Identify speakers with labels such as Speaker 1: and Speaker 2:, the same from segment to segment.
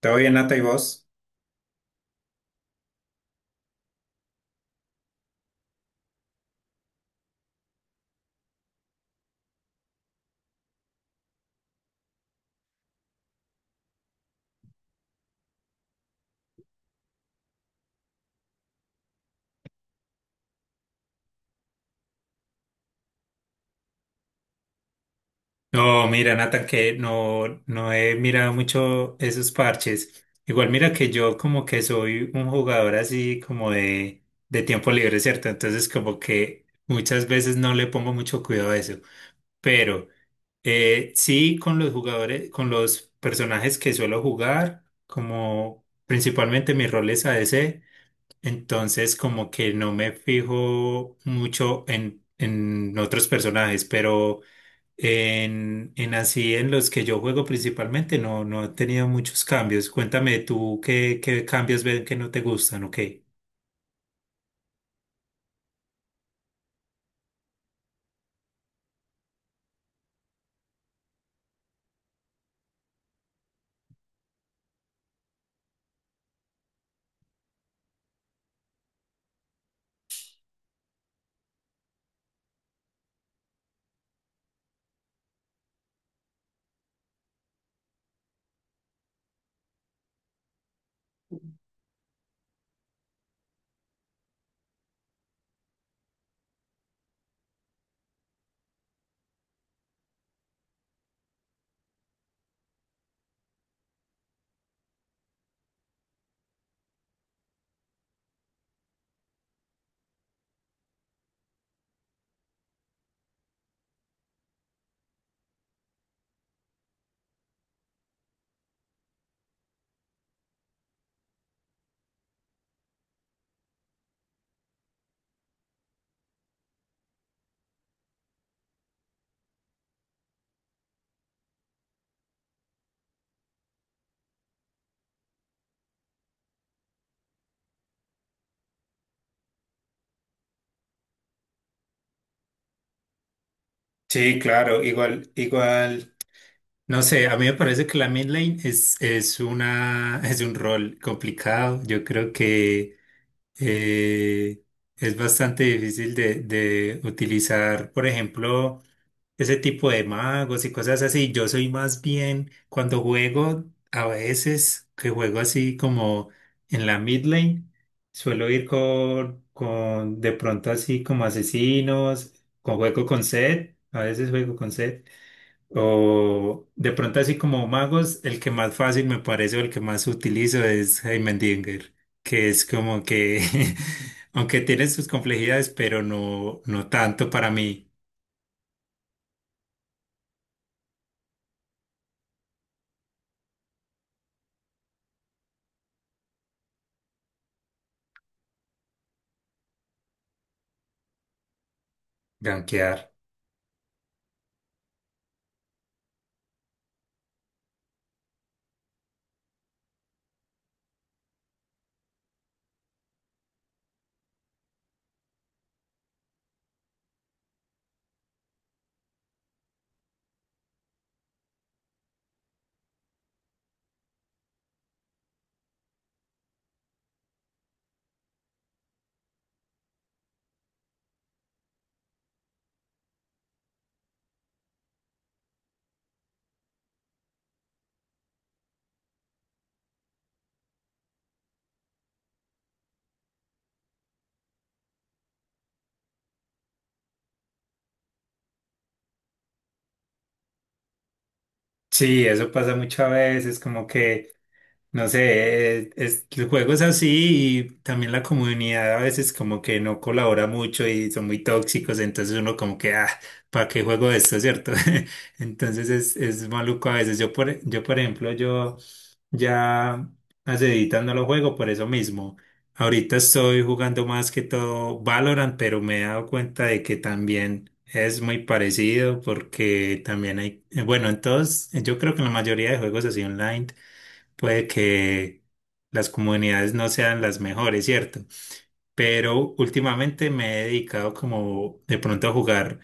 Speaker 1: ¿Todo bien, Nata y vos? No, mira, Nathan, que no he mirado mucho esos parches. Igual mira que yo como que soy un jugador así como de tiempo libre, ¿cierto? Entonces como que muchas veces no le pongo mucho cuidado a eso. Pero sí con los jugadores, con los personajes que suelo jugar, como principalmente mi rol es ADC, entonces como que no me fijo mucho en otros personajes, pero. En así, en los que yo juego principalmente, no he tenido muchos cambios. Cuéntame tú qué cambios ven que no te gustan o qué. Sí, claro, igual, igual. No sé, a mí me parece que la mid lane es una, es un rol complicado. Yo creo que eh, es bastante difícil de utilizar, por ejemplo. Ese tipo de magos y cosas así. Yo soy más bien cuando juego, a veces que juego así como en la mid lane, suelo ir con de pronto así como asesinos, con juego con Zed, a veces juego con Zed, o de pronto así como magos, el que más fácil me parece o el que más utilizo es Heimendinger, que es como que aunque tiene sus complejidades, pero no tanto para mí gankear. Sí, eso pasa muchas veces, como que no sé, el juego es así y también la comunidad a veces como que no colabora mucho y son muy tóxicos, entonces uno como que, ah, ¿para qué juego esto, cierto? Entonces es maluco a veces. Yo, por ejemplo, yo ya hace editando no lo juego por eso mismo. Ahorita estoy jugando más que todo Valorant, pero me he dado cuenta de que también es muy parecido porque también hay, bueno, entonces yo creo que la mayoría de juegos así online puede que las comunidades no sean las mejores, ¿cierto? Pero últimamente me he dedicado como de pronto a jugar.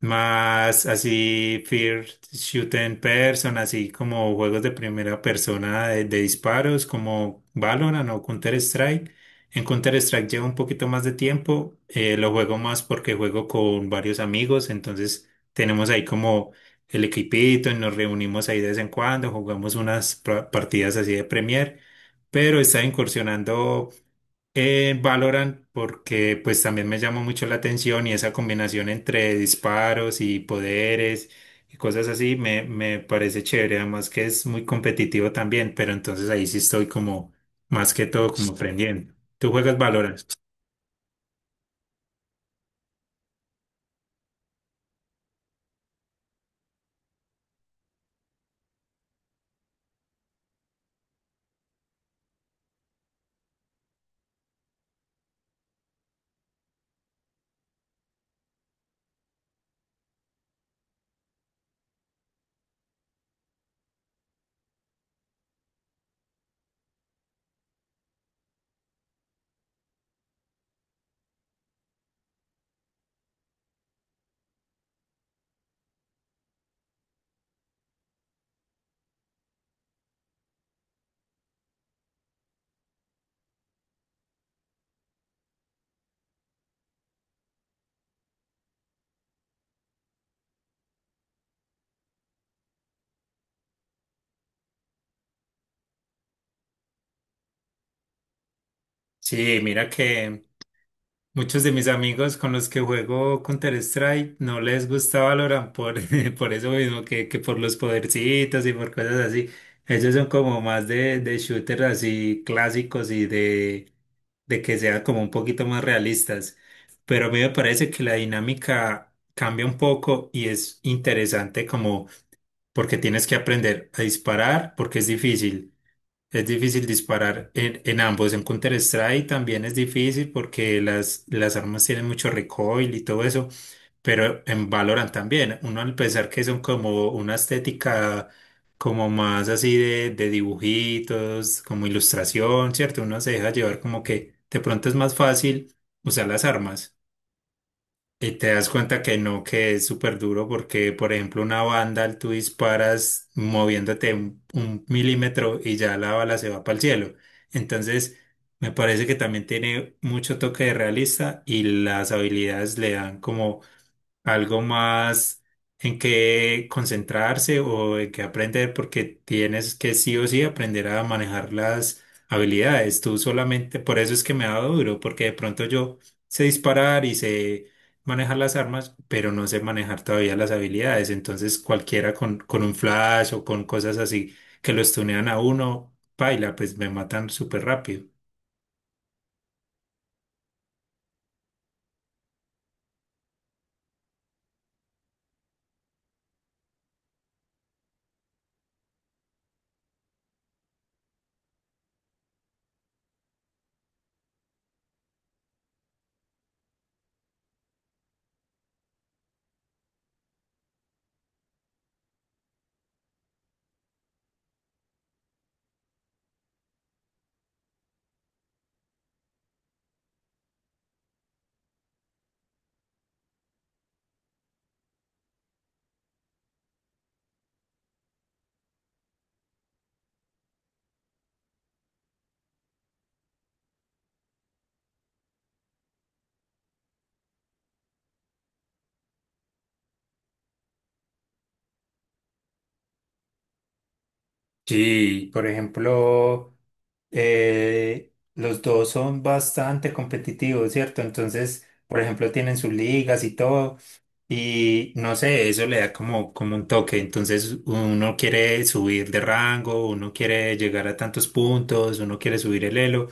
Speaker 1: Más así, first shooting person, así como juegos de primera persona de disparos, como Valorant o Counter-Strike. En Counter-Strike llevo un poquito más de tiempo, lo juego más porque juego con varios amigos, entonces tenemos ahí como el equipito y nos reunimos ahí de vez en cuando, jugamos unas partidas así de Premier, pero está incursionando. Valorant porque pues también me llama mucho la atención y esa combinación entre disparos y poderes y cosas así me, me parece chévere, además que es muy competitivo también, pero entonces ahí sí estoy como más que todo como aprendiendo. ¿Tú juegas Valorant? Sí, mira que muchos de mis amigos con los que juego Counter-Strike no les gusta Valorant por, por eso mismo que, por los podercitos y por cosas así. Ellos son como más de shooters así clásicos y de que sea como un poquito más realistas. Pero a mí me parece que la dinámica cambia un poco y es interesante como porque tienes que aprender a disparar porque es difícil disparar en ambos. En Counter-Strike también es difícil porque las armas tienen mucho recoil y todo eso, pero en Valorant también. Uno al pensar que son como una estética como más así de dibujitos, como ilustración, ¿cierto? Uno se deja llevar como que de pronto es más fácil usar las armas. Y te das cuenta que no, que es súper duro porque, por ejemplo, una banda, tú disparas moviéndote un milímetro y ya la bala se va para el cielo. Entonces, me parece que también tiene mucho toque de realista y las habilidades le dan como algo más en qué concentrarse o en qué aprender, porque tienes que sí o sí aprender a manejar las habilidades. Tú solamente, por eso es que me ha dado duro, porque de pronto yo sé disparar y sé manejar las armas, pero no sé manejar todavía las habilidades. Entonces cualquiera con un flash o con cosas así que lo stunean a uno, baila, pues me matan súper rápido. Sí, por ejemplo, los dos son bastante competitivos, ¿cierto? Entonces, por ejemplo, tienen sus ligas y todo. Y no sé, eso le da como, como un toque. Entonces uno quiere subir de rango, uno quiere llegar a tantos puntos, uno quiere subir el elo.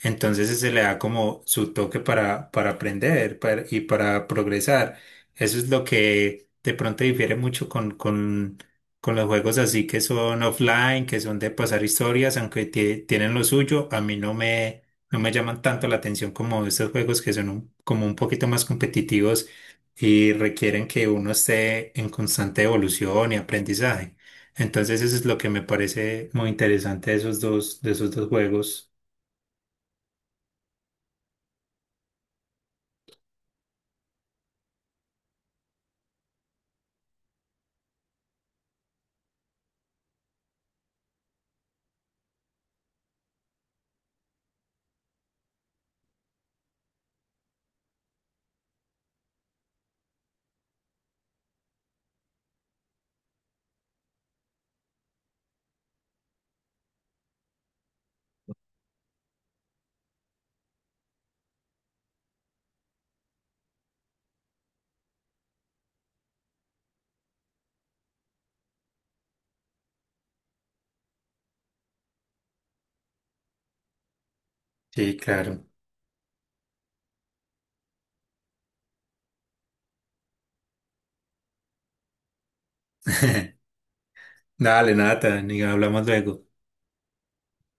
Speaker 1: Entonces se le da como su toque para aprender para- y para progresar. Eso es lo que de pronto difiere mucho con los juegos así que son offline, que son de pasar historias, aunque tienen lo suyo. A mí no me llaman tanto la atención como estos juegos que son como un poquito más competitivos y requieren que uno esté en constante evolución y aprendizaje. Entonces eso es lo que me parece muy interesante de esos dos juegos. Sí, claro. Dale, nada, ni hablamos luego.